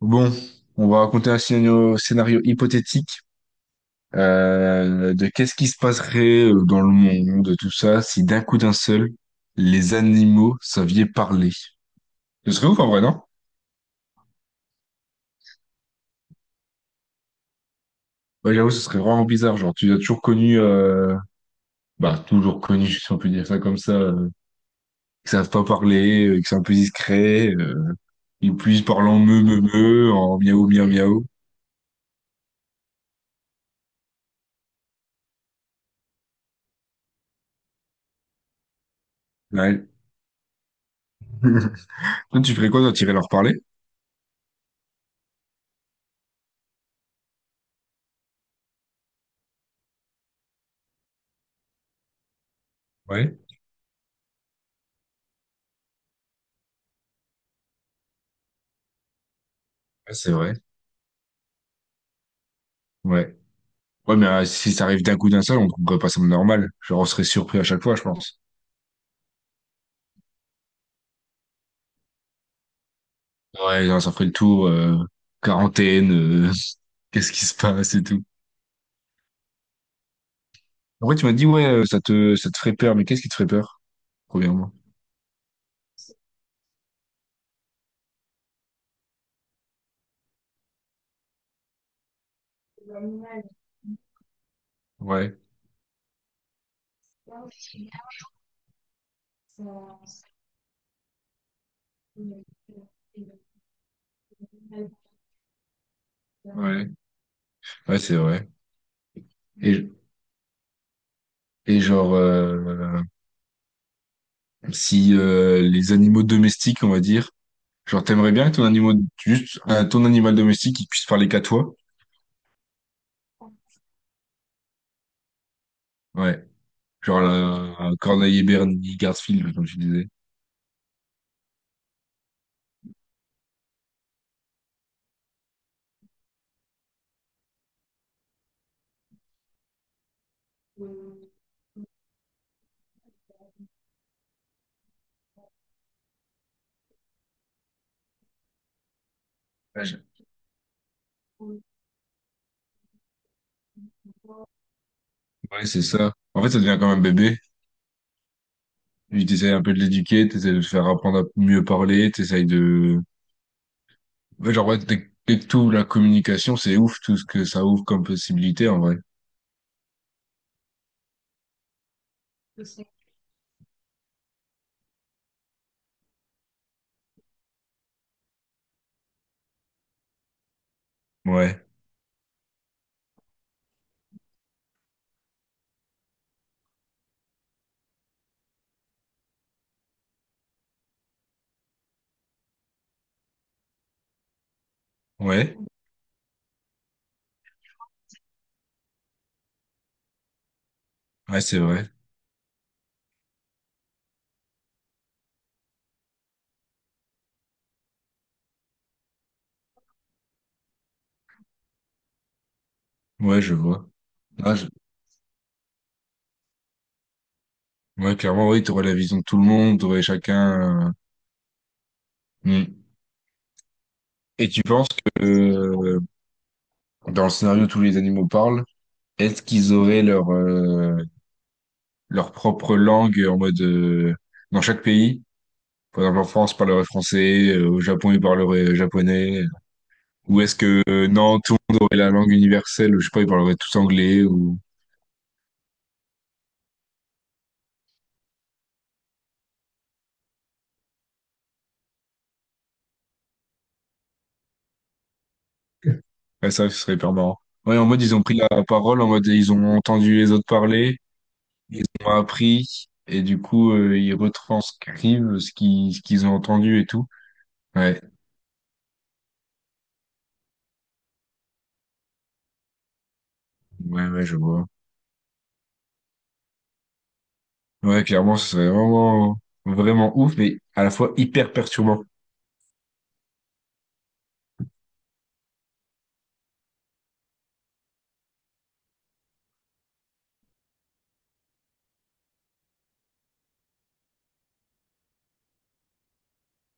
Bon, on va raconter un scénario, scénario hypothétique, de qu'est-ce qui se passerait, dans le monde, tout ça, si d'un coup d'un seul, les animaux savaient parler. Ce serait ouf en vrai, non? Ouais, j'avoue, ce serait vraiment bizarre. Genre, tu as toujours connu, bah, toujours connu, si on peut dire ça comme ça, qui savent pas parler, qui sont un peu discrets, ils puissent parler en meu, meu, meu, en miaou, miaou, miaou. Ouais. Toi, tu ferais quoi, toi, t'irais leur parler? Ouais. Ouais, c'est vrai. Ouais. Ouais, mais si ça arrive d'un coup d'un seul, on trouverait pas ça normal. Genre, on serait surpris à chaque fois, je pense. Ouais, genre, ça ferait le tour, quarantaine, euh, qu'est-ce qui se passe et tout. Après, tu m'as dit, ouais, ça te ferait peur, mais qu'est-ce qui te ferait peur, premièrement? Ouais, ouais, ouais, c'est vrai. Et, et genre, si les animaux domestiques, on va dire, genre, t'aimerais bien que ton animal, juste ton animal domestique, il puisse parler qu'à toi? Ouais, genre, la, un Corneille et Bernie, Garfield, comme tu disais. Ouais, c'est ça. En fait, ça devient comme un bébé. Tu t'essayes un peu de l'éduquer, t'essayes de le faire apprendre à mieux parler, t'essayes de... Ouais, genre, ouais, dès que t'ouvres la communication, c'est ouf tout ce que ça ouvre comme possibilité, en vrai. Ouais, ouais, ouais, c'est vrai. Ouais, je vois. Ah, je- Ouais, clairement, oui, t'aurais la vision de tout le monde, t'aurais chacun... Hmm. Et tu penses que dans le scénario, tous les animaux parlent, est-ce qu'ils auraient leur, leur propre langue en mode... dans chaque pays? Par exemple, en France, parlerait français, au Japon, ils parleraient japonais. Ou est-ce que, non, tout le monde aurait la langue universelle, je sais pas, ils parleraient tous anglais, ou... Ouais, ça, ce serait hyper marrant. Ouais, en mode, ils ont pris la parole, en mode, ils ont entendu les autres parler, ils ont appris, et du coup, ils retranscrivent ce qu'ils ont entendu et tout. Ouais, ouais, ouais, je vois. Ouais, clairement, ce serait vraiment, vraiment ouf, mais à la fois hyper perturbant.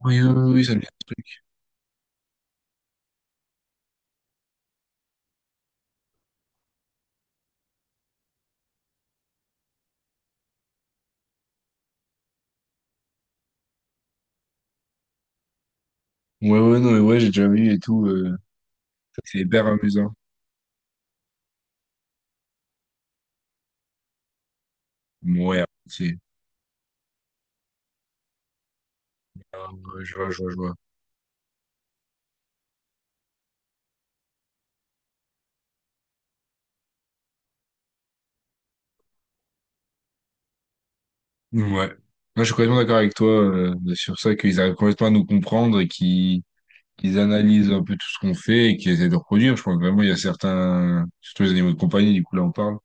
Oui, oui, oui, ça me dit un truc. Ouais, ouais, non, mais ouais, j'ai déjà vu et tout. C'est hyper amusant. Ouais, c'est. Ah, ouais, je vois, je vois, je vois. Ouais. Moi, je suis complètement d'accord avec toi sur ça, qu'ils arrivent complètement à nous comprendre et qu'ils analysent un peu tout ce qu'on fait et qu'ils essaient de reproduire. Je pense vraiment il y a certains, surtout les animaux de compagnie, du coup, là, on parle,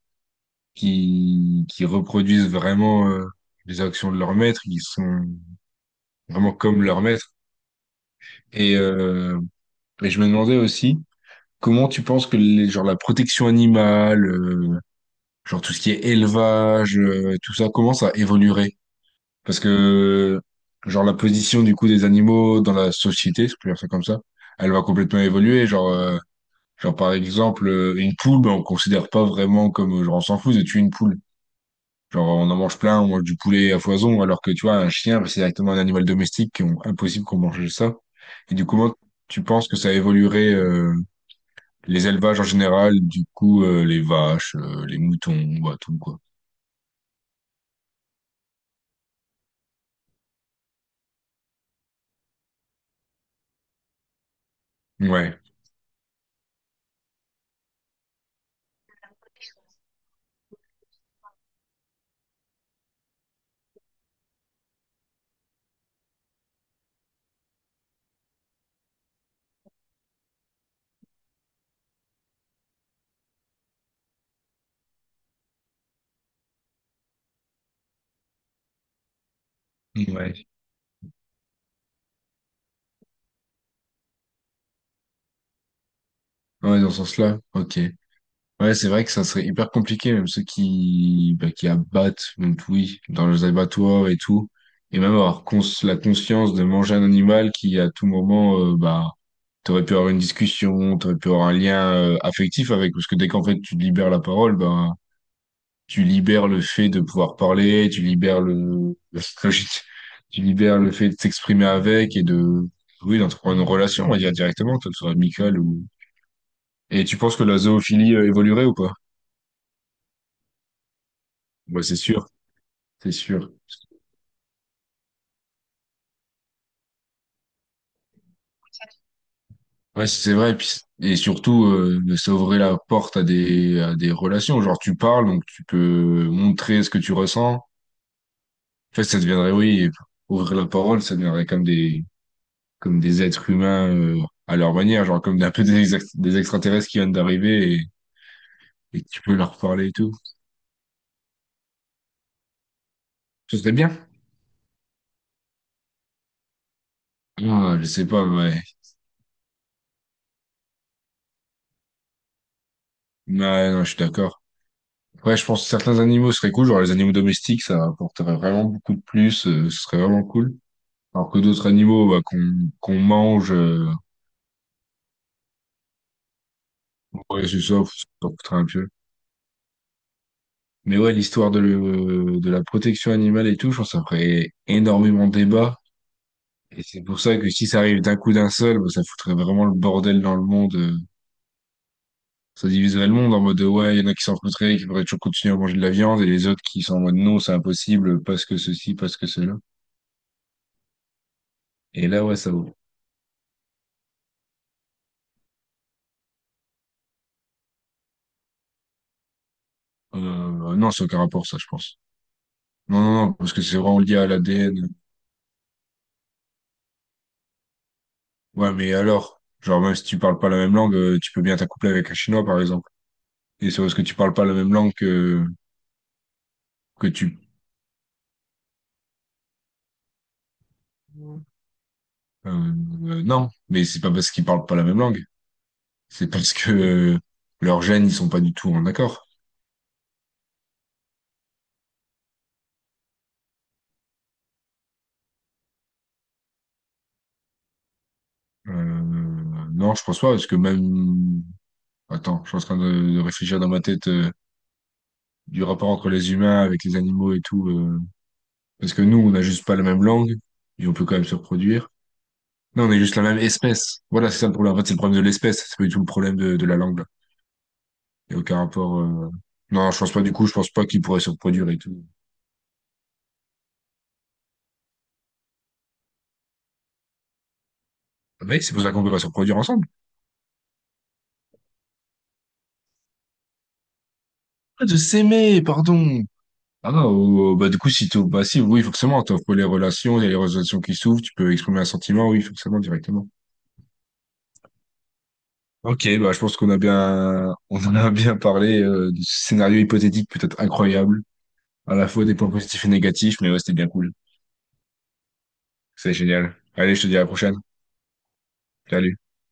qui reproduisent vraiment, les actions de leur maître, qui sont vraiment comme leur maître. Et, euh, et je me demandais aussi. Comment tu penses que les, genre la protection animale, genre tout ce qui est élevage, tout ça, comment ça évoluerait? Parce que genre la position du coup des animaux dans la société, si je peux dire ça comme ça, elle va complètement évoluer. Genre, genre par exemple une poule, ben, on considère pas vraiment comme, genre on s'en fout de tuer une poule. Genre on en mange plein, on mange du poulet à foison, alors que tu vois un chien, ben, c'est directement un animal domestique, qui ont- impossible qu'on mange ça. Et du coup, comment tu penses que ça évoluerait? Les élevages en général, du coup, les vaches, les moutons, bah, tout, quoi. Ouais, ouais. Ouais, dans ce sens-là, ok. Ouais, c'est vrai que ça serait hyper compliqué, même ceux qui, bah, qui abattent, donc oui, dans les abattoirs et tout. Et même avoir cons- la conscience de manger un animal qui, à tout moment, bah, t'aurais pu avoir une discussion, t'aurais pu avoir un lien, affectif avec, parce que dès qu'en fait tu libères la parole, bah, tu libères le fait de pouvoir parler, tu libères le, tu libères le fait de t'exprimer avec et de, oui, d'entreprendre une relation, on va dire directement, que ce soit amicale ou. Et tu penses que la zoophilie, évoluerait ou pas? Ouais, c'est sûr, c'est sûr. Ouais, c'est vrai. Et, puis, et surtout, ça ouvrait la porte à des relations. Genre, tu parles, donc tu peux montrer ce que tu ressens. En fait, ça deviendrait, oui, ouvrir la parole, ça deviendrait comme des êtres humains, à leur manière, genre comme un peu des, ex- des extraterrestres qui viennent d'arriver et que tu peux leur parler et tout. Ce serait bien. Ah, je sais pas, ouais. Ouais, non, je suis d'accord. Ouais, je pense que certains animaux seraient cool, genre les animaux domestiques, ça apporterait vraiment beaucoup de plus, ce serait vraiment cool. Alors que d'autres animaux, bah, qu'on mange, ouais, c'est ça, ça coûterait un peu. Mais ouais, l'histoire de, le- de la protection animale et tout, je pense que ça ferait énormément de débat. Et c'est pour ça que si ça arrive d'un coup d'un seul, bah, ça foutrait vraiment le bordel dans le monde. Ça diviserait le monde en mode ouais, il y en a qui s'en foutraient, qui pourraient toujours continuer à manger de la viande, et les autres qui sont en mode non, c'est impossible, parce que ceci, parce que cela. Et là, ouais, ça vaut. Non, c'est aucun rapport, ça, je pense. Non, non, non, parce que c'est vraiment lié à l'ADN. Ouais, mais alors, genre, même si tu parles pas la même langue, tu peux bien t'accoupler avec un Chinois, par exemple. Et c'est parce que tu parles pas la même langue que tu... non, mais c'est pas parce qu'ils parlent pas la même langue. C'est parce que, leurs gènes, ils sont pas du tout en accord. Euh, non, je pense pas, parce que même... Attends, je suis en train de réfléchir dans ma tête, du rapport entre les humains avec les animaux et tout. Parce que nous, on n'a juste pas la même langue, et on peut quand même se reproduire. Non, on est juste la même espèce. Voilà, c'est ça le problème. En fait, c'est le problème de l'espèce. C'est pas du tout le problème de la langue, là. Il y a aucun rapport... Non, je pense pas du coup, je pense pas qu'ils pourraient se reproduire et tout. Ah, Mec, c'est pour ça qu'on peut pas se reproduire ensemble. Ah, de s'aimer, pardon. Ah, bah, du coup, si tu, bah, si, oui, forcément, tu les relations, il y a les relations qui s'ouvrent, tu peux exprimer un sentiment, oui, forcément, directement. Ok, bah, je pense qu'on a bien, on en a bien parlé, de ce scénario hypothétique peut-être incroyable, à la fois des points positifs et négatifs, mais ouais, c'était bien cool. C'est génial. Allez, je te dis à la prochaine. Salut.